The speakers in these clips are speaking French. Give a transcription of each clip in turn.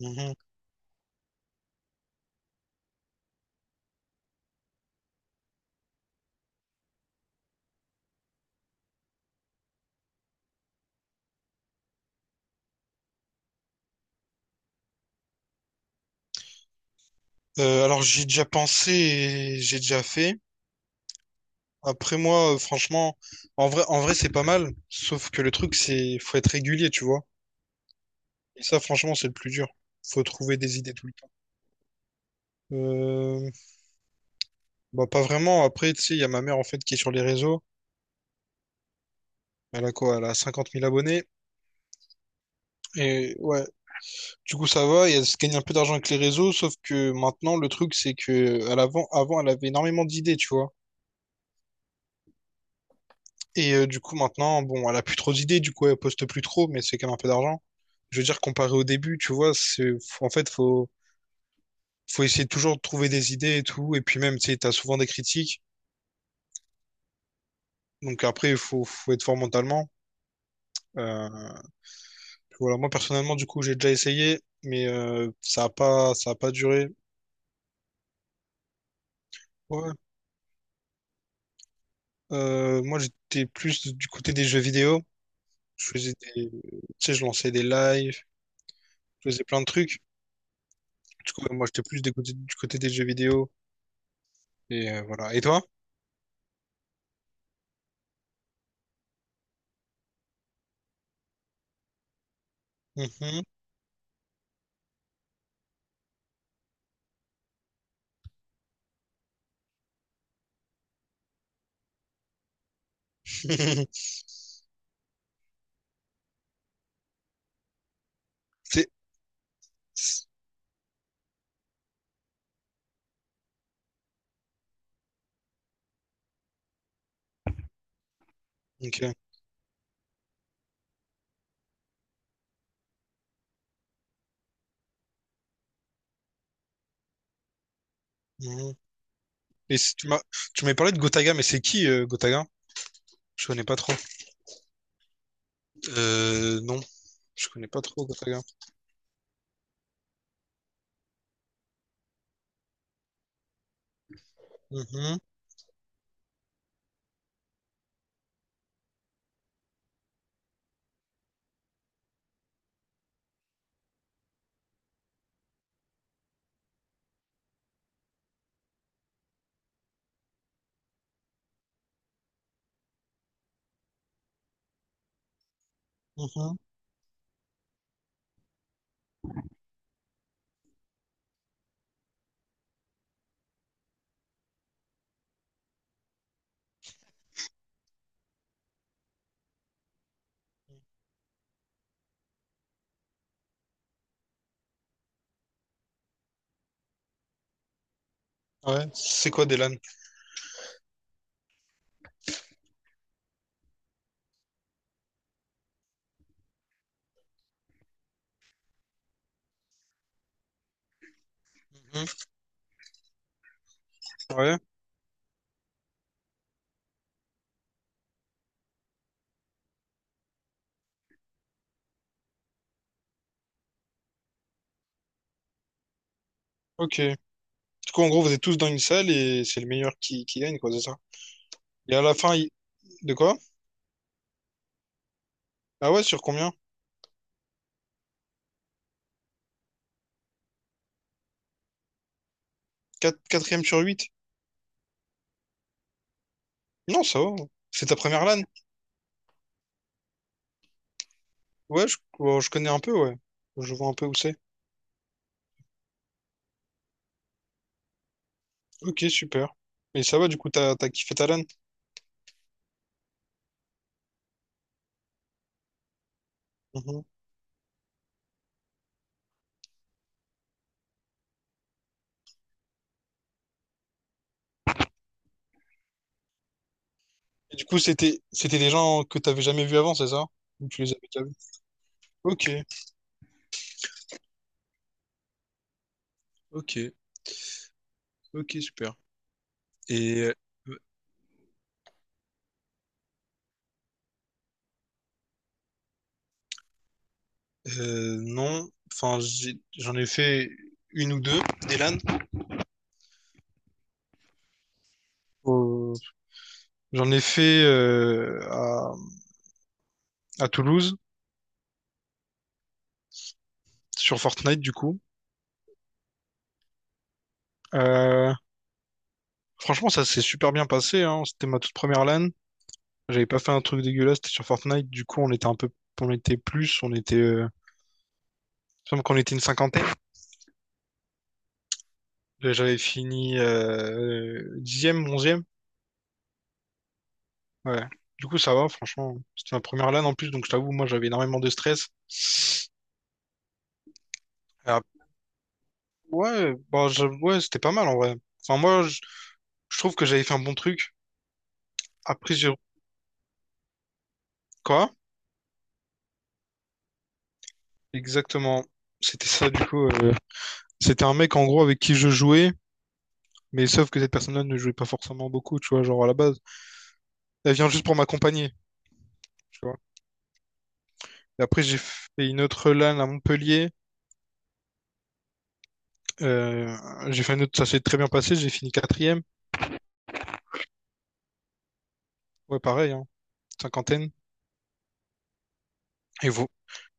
Mhm. Alors j'ai déjà pensé et j'ai déjà fait. Après moi, franchement, en vrai c'est pas mal. Sauf que le truc, c'est faut être régulier, tu vois. Et ça, franchement, c'est le plus dur. Faut trouver des idées tout le temps. Euh, bah pas vraiment. Après, tu sais, il y a ma mère en fait qui est sur les réseaux. Elle a quoi? Elle a 50 000 abonnés. Et ouais, du coup ça va. Et elle se gagne un peu d'argent avec les réseaux. Sauf que maintenant, le truc, c'est que à l'avant, avant, elle avait énormément d'idées, tu vois. Et du coup, maintenant, bon, elle a plus trop d'idées, du coup, elle poste plus trop, mais c'est quand même un peu d'argent. Je veux dire, comparé au début, tu vois, c'est, en fait, faut essayer toujours de trouver des idées et tout. Et puis même, tu sais, t'as souvent des critiques. Donc après, faut être fort mentalement. Euh, voilà, moi, personnellement, du coup, j'ai déjà essayé, mais ça a pas duré. Ouais. Moi, j'étais plus du côté des jeux vidéo. Tu sais, je lançais des lives, je faisais plein de trucs. Du coup, moi, j'étais du côté des jeux vidéo. Et voilà. Et toi? Mhm. C'est OK. Mhm. Et si tu m'as tu m'avais parlé de Gotaga, mais c'est qui, Gotaga? Je connais pas trop. Euh, non, je connais pas trop Gotaga. Mhm. Mhm. Ouais, c'est quoi des LAN? Mmh. Ouais, OK. Du coup, en gros, vous êtes tous dans une salle et c'est le meilleur qui gagne, quoi, c'est ça? Et à la fin, il de quoi? Ah ouais, sur combien? Quatre, quatrième sur huit. Non, ça va. C'est ta première re LAN? Ouais, je connais un peu, ouais. Je vois un peu où c'est. OK, super. Et ça va, du coup, t'as t'as tu as kiffé ta LAN? Mhm. Et du coup, c'était des gens que t'avais jamais vus avant, c'est ça? Ou tu les avais déjà vus? Ok, ok, ok, super. Et non, enfin, j'en ai fait une ou deux, des LAN. Au- J'en ai fait à Toulouse, sur Fortnite, du coup. Euh, franchement, ça s'est super bien passé, hein. C'était ma toute première LAN. J'avais pas fait un truc dégueulasse, c'était sur Fortnite. Du coup, on était, il me semble qu'on était une cinquantaine. Là, j'avais fini dixième, onzième. Ouais. Du coup, ça va, franchement. C'était ma première LAN en plus, donc je t'avoue, moi, j'avais énormément de stress. Ah, ouais, bah, ouais, c'était pas mal en vrai. Enfin, je trouve que j'avais fait un bon truc. Après, j'ai... Quoi? Exactement. C'était ça, du coup. C'était un mec, en gros, avec qui je jouais, mais sauf que cette personne-là ne jouait pas forcément beaucoup, tu vois, genre à la base. Elle vient juste pour m'accompagner, tu vois. Et après, j'ai fait une autre LAN à Montpellier. Euh, j'ai fait un autre, ça s'est très bien passé, j'ai fini quatrième. Ouais, pareil, hein, cinquantaine. Et, vo-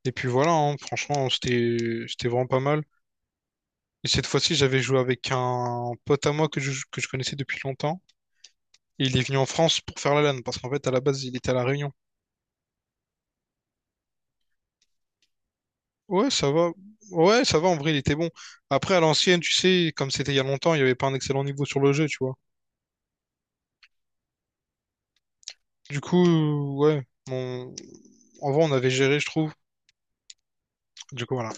et puis voilà, hein, franchement, c'était vraiment pas mal. Et cette fois-ci, j'avais joué avec un pote à moi que je connaissais depuis longtemps. Et il est venu en France pour faire la LAN, parce qu'en fait, à la base, il était à La Réunion. Ouais, ça va. Ouais, ça va, en vrai, il était bon. Après, à l'ancienne, tu sais, comme c'était il y a longtemps, il n'y avait pas un excellent niveau sur le jeu, tu vois. Du coup, ouais, on- en vrai, on avait géré, je trouve. Du coup, voilà.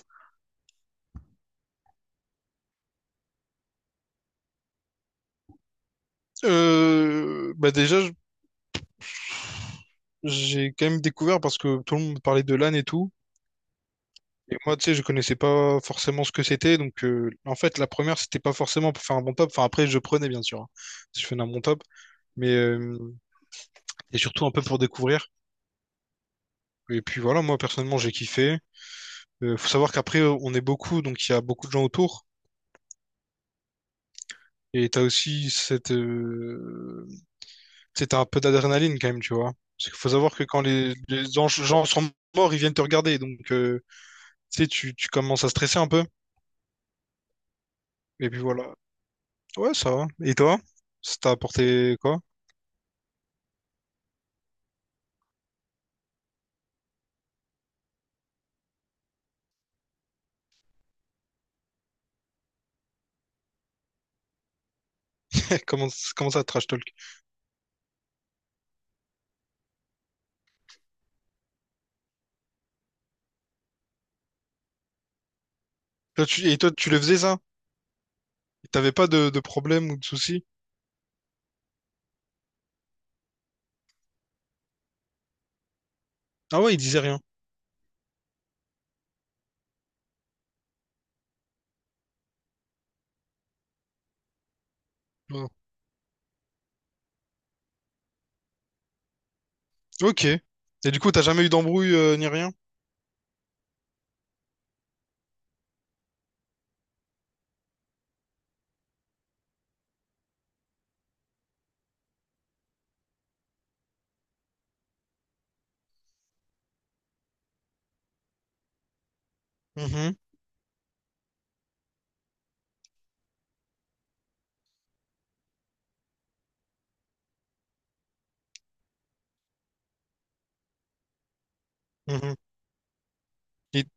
Bah déjà, j'ai quand même découvert parce que tout le monde parlait de LAN et tout. Et moi, tu sais, je connaissais pas forcément ce que c'était. Donc, en fait, la première, c'était pas forcément pour faire un bon top. Enfin, après, je prenais, bien sûr, hein, si je faisais un bon top. Mais, et surtout un peu pour découvrir. Et puis voilà, moi, personnellement, j'ai kiffé. Faut savoir qu'après, on est beaucoup, donc il y a beaucoup de gens autour. Et t'as aussi cette, tu sais, t'as un peu d'adrénaline quand même, tu vois. Parce qu'il faut savoir que quand les gens sont morts, ils viennent te regarder. Donc, tu sais, tu commences à stresser un peu. Et puis voilà. Ouais, ça va. Et toi? Ça t'a apporté quoi? Comment, comment ça, trash talk? Et toi, tu le faisais ça? T'avais pas de problème ou de soucis? Ah ouais, il disait rien. Ouais. Ok. Et du coup, t'as jamais eu d'embrouille ni rien? Mhm, mhm. Et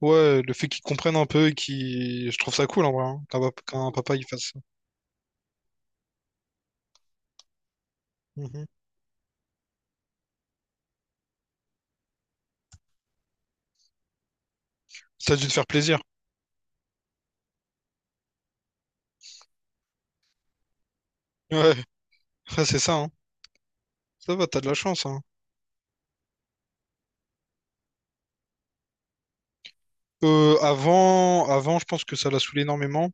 ouais, le fait qu'ils comprennent un peu et qu'ils... Je trouve ça cool en vrai, hein, qu'un papa il fasse ça. Mhm. Ça a dû te faire plaisir. Ouais, ouais, c'est ça, hein. Ça va, t'as de la chance, hein. Avant, je pense que ça l'a saoulé énormément.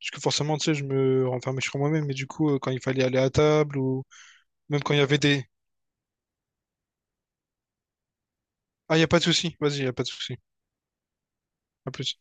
Parce que forcément, tu sais, je me renfermais sur moi-même, mais du coup, quand il fallait aller à table ou même quand il y avait des... Ah, il n'y a pas de souci, vas-y, il n'y a pas de souci. À plus.